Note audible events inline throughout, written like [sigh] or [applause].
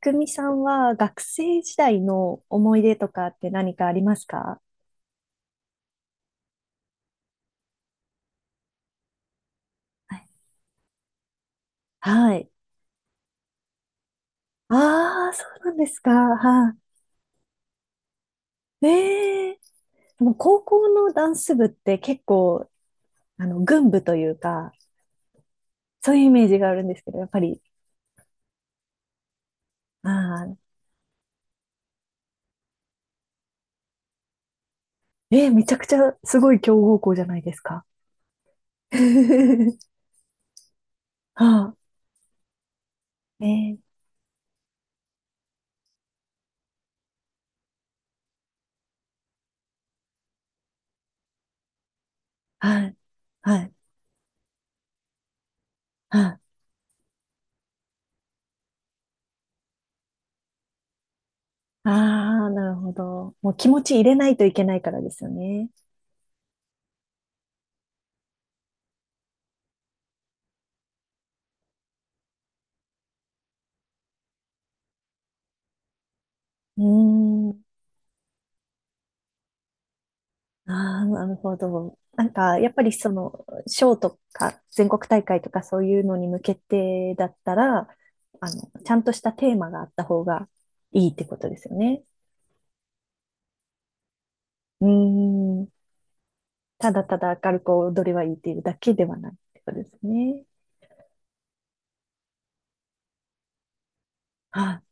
くみさんは学生時代の思い出とかって何かありますか？はい、はい。ああ、そうなんですか。はい。ええ。でもう高校のダンス部って結構、群舞というか、そういうイメージがあるんですけど、やっぱり、ああ、めちゃくちゃすごい強豪校じゃないですか。[laughs] はあ、えーはい、はい、はい。ああ、なるほど。もう気持ち入れないといけないからですよね。うーん。ああ、なるほど。なんか、やっぱりその、賞とか、全国大会とかそういうのに向けてだったら、ちゃんとしたテーマがあった方がいいってことですよね。うーん。ただただ明るく踊りはいいっていうだけではないってことですね。はい。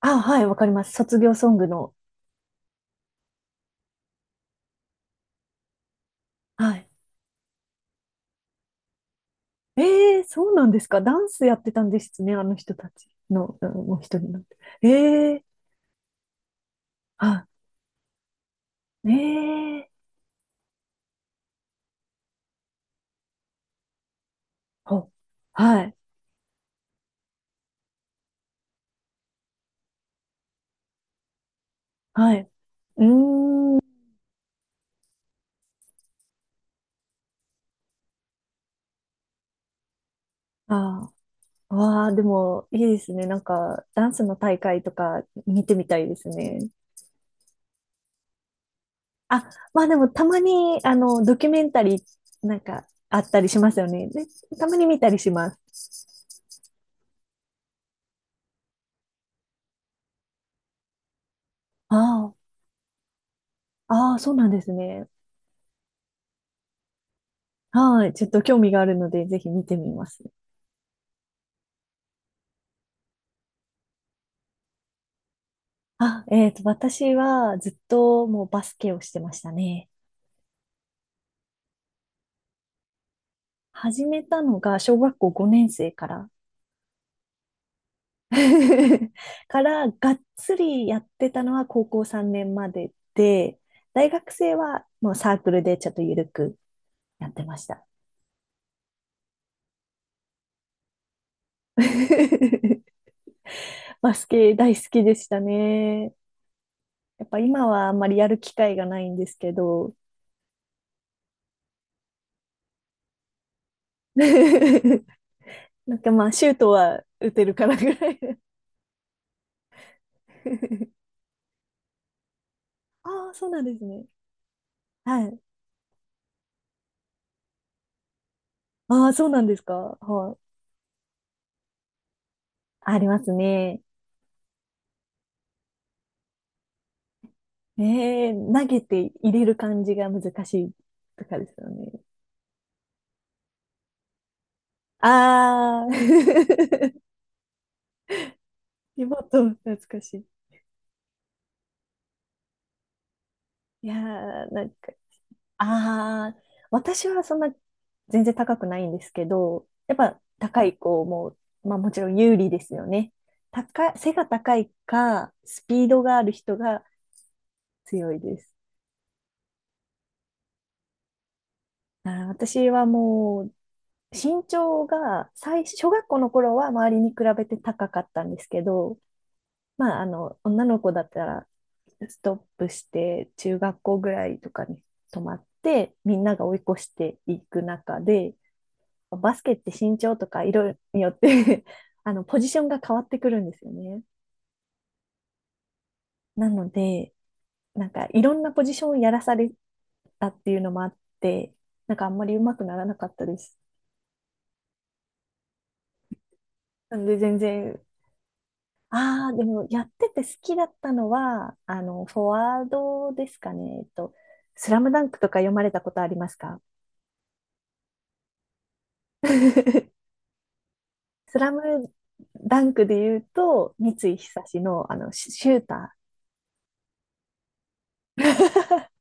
あ、はい、わかります。卒業ソングの。はい。ええ、そうなんですか。ダンスやってたんですね。あの人たちの、うん、もう一人になって。ええ、はい。ええ、ほ、はい。はい。うーん。ああ、わあ、でもいいですね。なんか、ダンスの大会とか見てみたいですね。あ、まあでもたまに、ドキュメンタリーなんかあったりしますよね。でたまに見たりします。ああ、ああ、そうなんですね。はい。ちょっと興味があるので、ぜひ見てみます。あ、私はずっともうバスケをしてましたね。始めたのが小学校5年生から [laughs] からがっつりやってたのは高校3年までで、大学生はもうサークルでちょっとゆるくやってました。[laughs] バスケ大好きでしたね。やっぱ今はあんまりやる機会がないんですけど、[laughs] なんかまあシュートは打てるからぐらい。[laughs] ああ、そうなんですね。はい。ああ、そうなんですか。はい。ありますね。投げて入れる感じが難しいとかですよね。ああ、[laughs] リモート [laughs]、懐かしい。いやー、なんか、ああ、私はそんな全然高くないんですけど、やっぱ高い子も、まあもちろん有利ですよね。高い、背が高いか、スピードがある人が強いです。あー、私はもう、身長が最、小学校の頃は周りに比べて高かったんですけど、まあ、女の子だったら、ストップして、中学校ぐらいとかに泊まって、みんなが追い越していく中で、バスケって身長とか色によって [laughs] ポジションが変わってくるんですよね。なので、なんか、いろんなポジションをやらされたっていうのもあって、なんかあんまり上手くならなかったです。なので、全然、ああ、でもやってて好きだったのは、フォワードですかね。スラムダンクとか読まれたことありますか？ [laughs] スラムダンクで言うと、三井久の、シシューター。[laughs]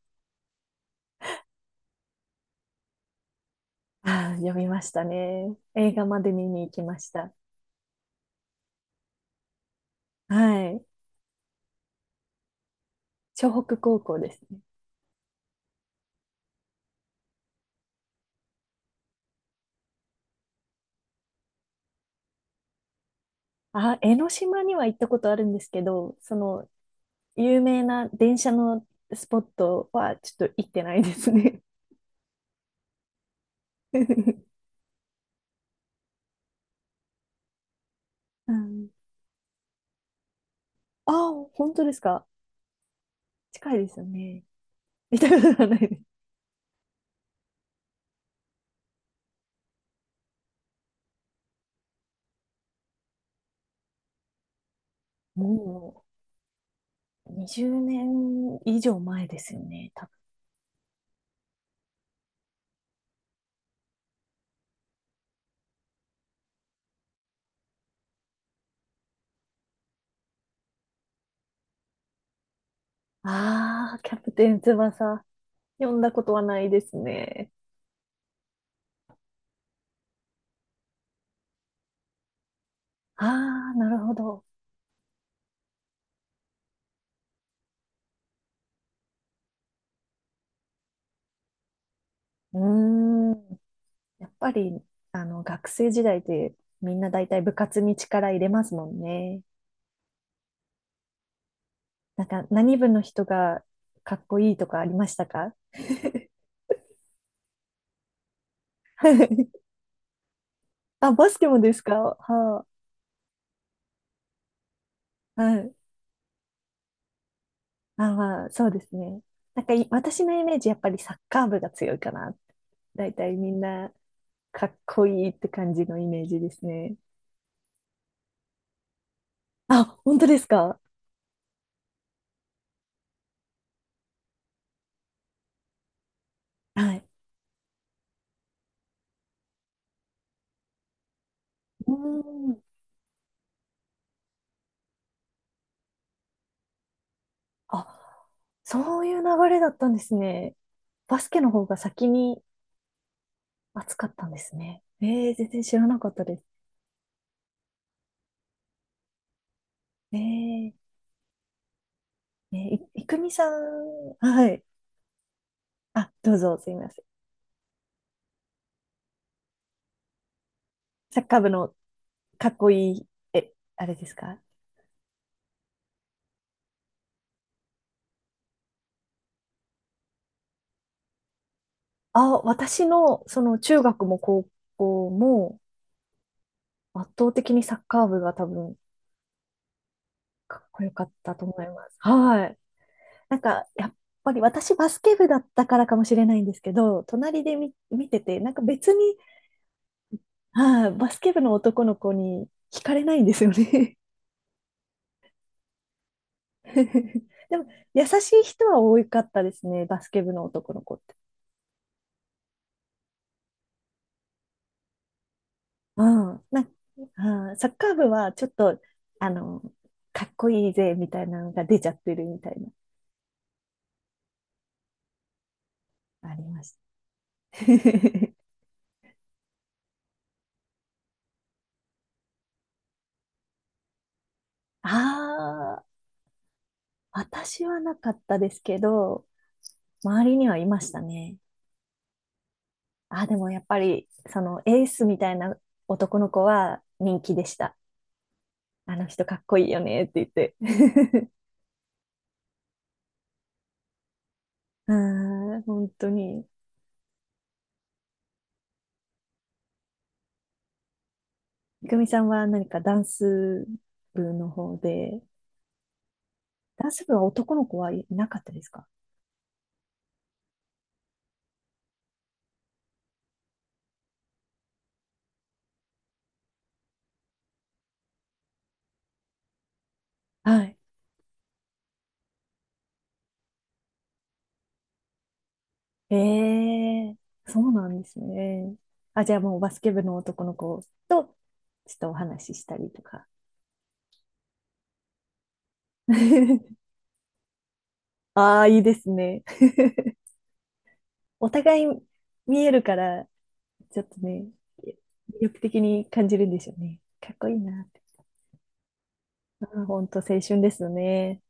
ああ、読みましたね。映画まで見に行きました。はい。湘北高校ですね。あ、江ノ島には行ったことあるんですけど、その、有名な電車のスポットはちょっと行ってないですね。[laughs] うん。ああ、本当ですか。近いですよね。見たことがないです。もう、20年以上前ですよね、多分。ああ、キャプテン翼。読んだことはないですね。ああ、なるほど。うーん。やっぱり、学生時代ってみんな大体部活に力入れますもんね。なんか、何部の人がかっこいいとかありましたか？はい。 [laughs] あ、バスケもですか？はあ、はい。ああ、そうですね。なんかい私のイメージ、やっぱりサッカー部が強いかな。だいたいみんなかっこいいって感じのイメージですね。あ、本当ですか？はい。うーん。あ、そういう流れだったんですね。バスケの方が先に熱かったんですね。ええ、全然知らなかったです。えーえ、ねい、いくみさん、はい。あ、どうぞ、すみません。サッカー部のかっこいい、え、あれですか？あ、私の、その中学も高校も圧倒的にサッカー部が多分かっこよかったと思います。はい。なんか、やっぱり私バスケ部だったからかもしれないんですけど、隣で見てて、なんか別に、はい、バスケ部の男の子に惹かれないんですよね。[laughs] でも、優しい人は多かったですね、バスケ部の男の子って。うん。なんか、あーサッカー部はちょっと、あの、かっこいいぜみたいなのが出ちゃってるみたいなありました。[laughs] ああ、私はなかったですけど、周りにはいましたね。あ、でもやっぱり、そのエースみたいな男の子は人気でした。あの人かっこいいよねって言って。[laughs] うん、本当に。いくみさんは何かダンス部の方で、ダンス部は男の子はいなかったですか？はい。ええ、そうなんですね。あ、じゃあもうバスケ部の男の子と、ちょっとお話ししたりとか。[laughs] ああ、いいですね。お互い見えるから、ちょっとね、魅力的に感じるんでしょうね。かっこいいなって。あー、本当青春ですよね。